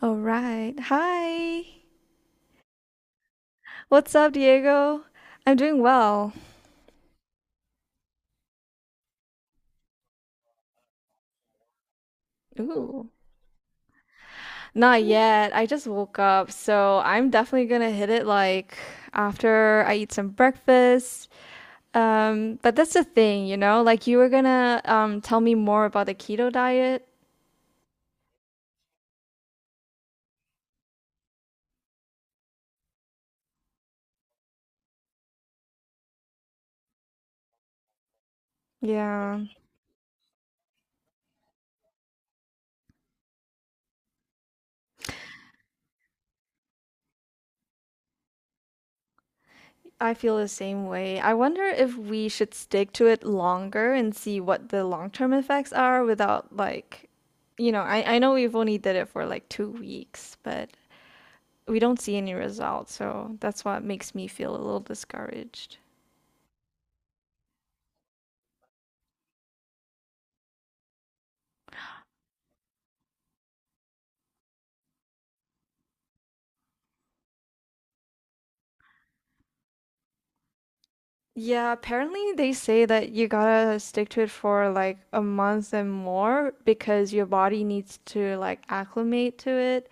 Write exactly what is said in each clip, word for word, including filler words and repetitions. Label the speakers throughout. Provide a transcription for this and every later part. Speaker 1: All right. Hi. What's up, Diego? I'm doing well. Ooh. Not yet. I just woke up, so I'm definitely gonna hit it like after I eat some breakfast. Um, but that's the thing, you know, like you were gonna um tell me more about the keto diet. Yeah, I feel the same way. I wonder if we should stick to it longer and see what the long-term effects are without like, you know, I, I know we've only did it for like two weeks, but we don't see any results. So that's what makes me feel a little discouraged. Yeah, apparently they say that you gotta stick to it for like a month and more because your body needs to like acclimate to it.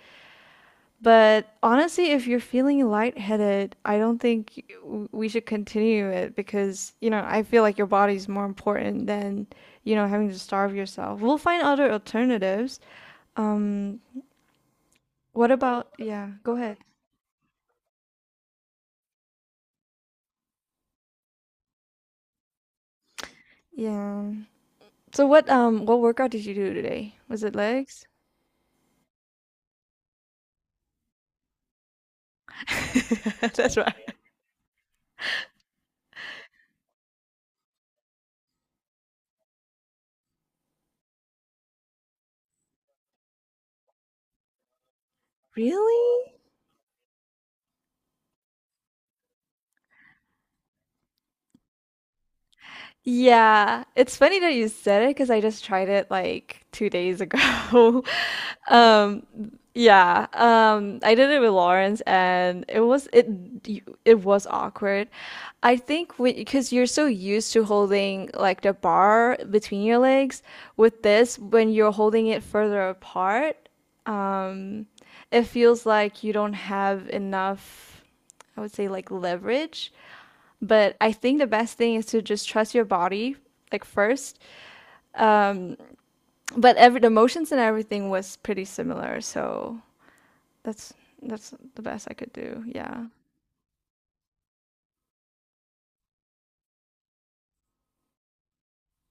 Speaker 1: But honestly, if you're feeling lightheaded, I don't think we should continue it because, you know, I feel like your body's more important than, you know, having to starve yourself. We'll find other alternatives. Um, what about, yeah, go ahead. Yeah. So what um what workout did you do today? Was it legs? That's right. Really? Yeah, it's funny that you said it because I just tried it like two days ago. Um, yeah, um, I did it with Lawrence, and it was it it was awkward. I think because you're so used to holding like the bar between your legs, with this, when you're holding it further apart, um, it feels like you don't have enough, I would say like leverage. But I think the best thing is to just trust your body, like first. Um, but every the motions and everything was pretty similar, so that's that's the best I could do. Yeah.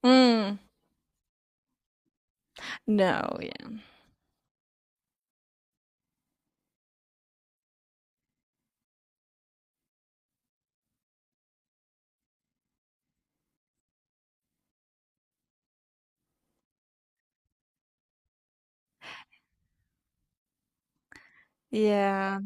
Speaker 1: Mm. No. Yeah. Yeah.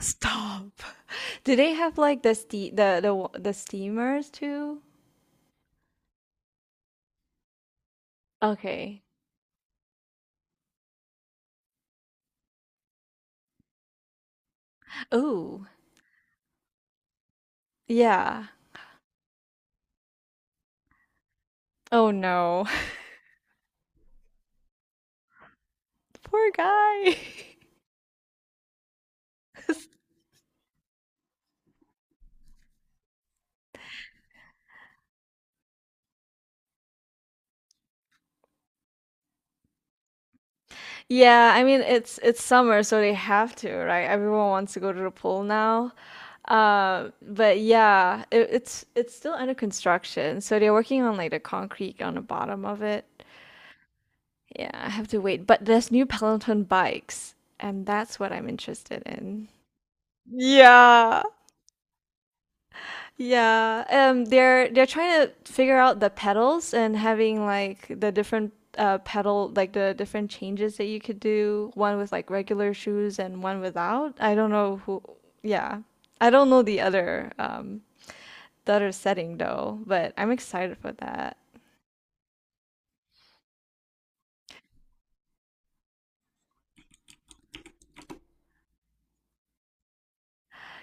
Speaker 1: Stop. Do they have like the ste the the wa- the steamers too? Okay. Oh. Yeah. Oh no. Poor guy. Yeah, I mean it's it's summer, so they have to, right? Everyone wants to go to the pool now. Uh, but yeah, it, it's it's still under construction, so they're working on like the concrete on the bottom of it. Yeah, I have to wait. But there's new Peloton bikes, and that's what I'm interested in. Yeah, yeah, um, they're they're trying to figure out the pedals and having like the different uh pedal like the different changes that you could do, one with like regular shoes and one without. I don't know who, yeah. I don't know the other um the other setting though, but I'm excited for that.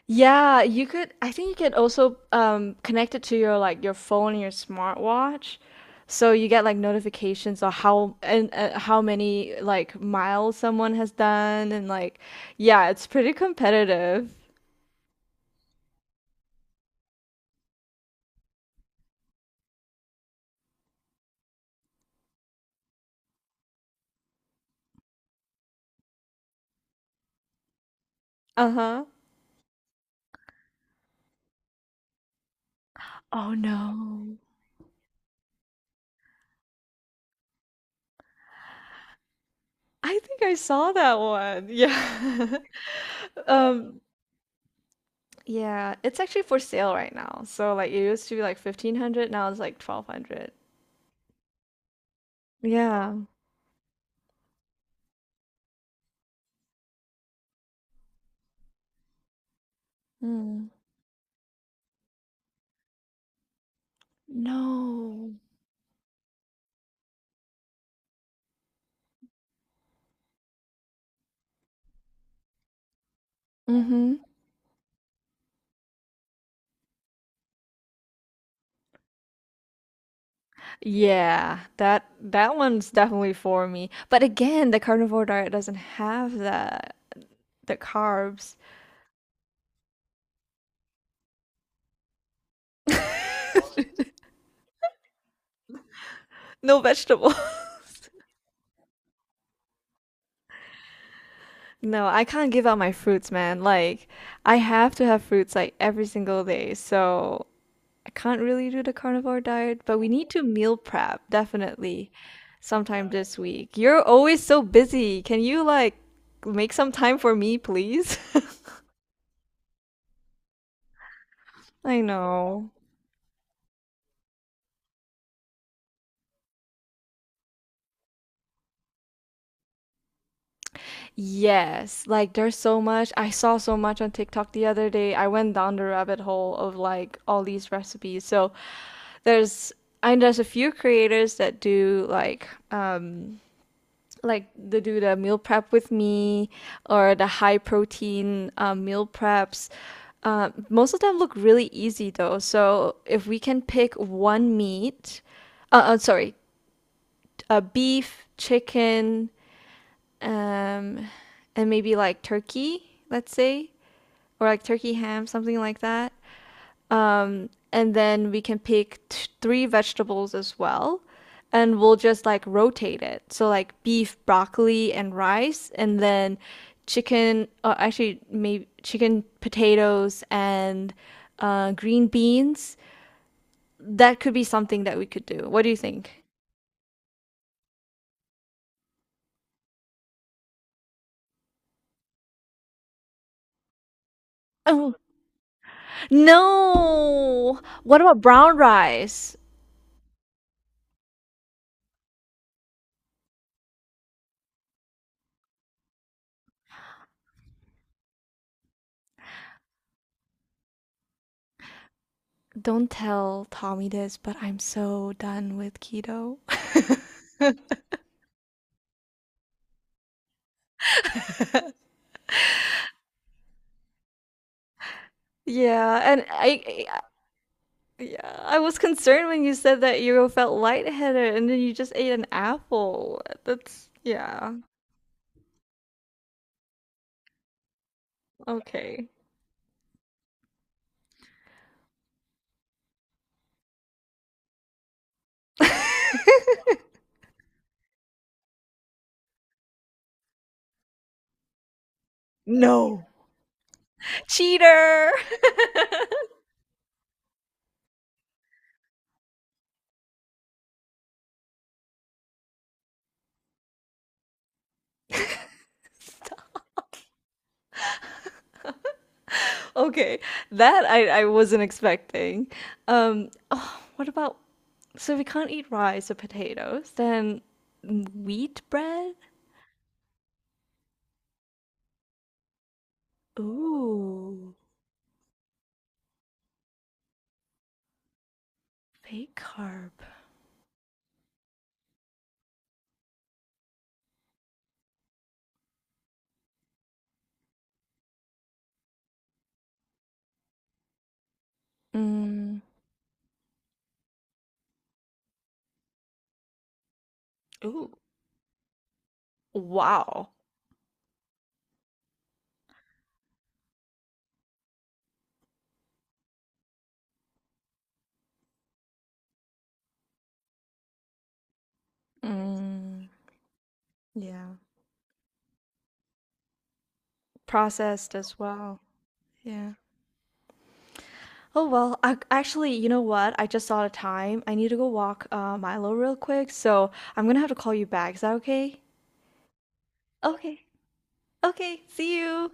Speaker 1: Yeah, you could I think you could also um connect it to your like your phone and your smartwatch. So you get like notifications on how and uh, how many like miles someone has done and like yeah, it's pretty competitive. Uh-huh. Oh no. I think I saw that one. Yeah. Um yeah, it's actually for sale right now. So like it used to be like fifteen hundred, now it's like twelve hundred. Yeah. Mm. No. Mm-hmm. Yeah, that that one's definitely for me. But again, the carnivore diet doesn't have the the carbs, no vegetables. No, I can't give up my fruits, man. Like I have to have fruits like every single day. So I can't really do the carnivore diet, but we need to meal prep definitely sometime this week. You're always so busy. Can you like make some time for me, please? I know. Yes, like there's so much. I saw so much on TikTok the other day. I went down the rabbit hole of like all these recipes. So there's and there's a few creators that do like um like they do the meal prep with me or the high protein um, meal preps. Uh, most of them look really easy though. So if we can pick one meat, uh, uh sorry, uh, beef, chicken, um, and maybe like turkey, let's say, or like turkey ham, something like that. Um, and then we can pick t- three vegetables as well. And we'll just like rotate it. So, like beef, broccoli, and rice, and then chicken, or actually, maybe chicken, potatoes, and uh, green beans. That could be something that we could do. What do you think? Oh, no. What about brown rice? Don't tell Tommy this, but I'm so done with keto. Yeah, and I, I yeah, I was concerned when you said that you felt lightheaded and then you just ate an apple. That's yeah. Okay. No. Cheater. Okay, that I I wasn't expecting. Um, oh, what about so we can't eat rice or potatoes, then wheat bread? Ooh, fake carb. Mm. Ooh. Wow. Mm. Yeah. Processed as well. Yeah. Oh well, I actually, you know what? I just saw the time. I need to go walk uh Milo real quick, so I'm gonna have to call you back. Is that okay? Okay. Okay. See you.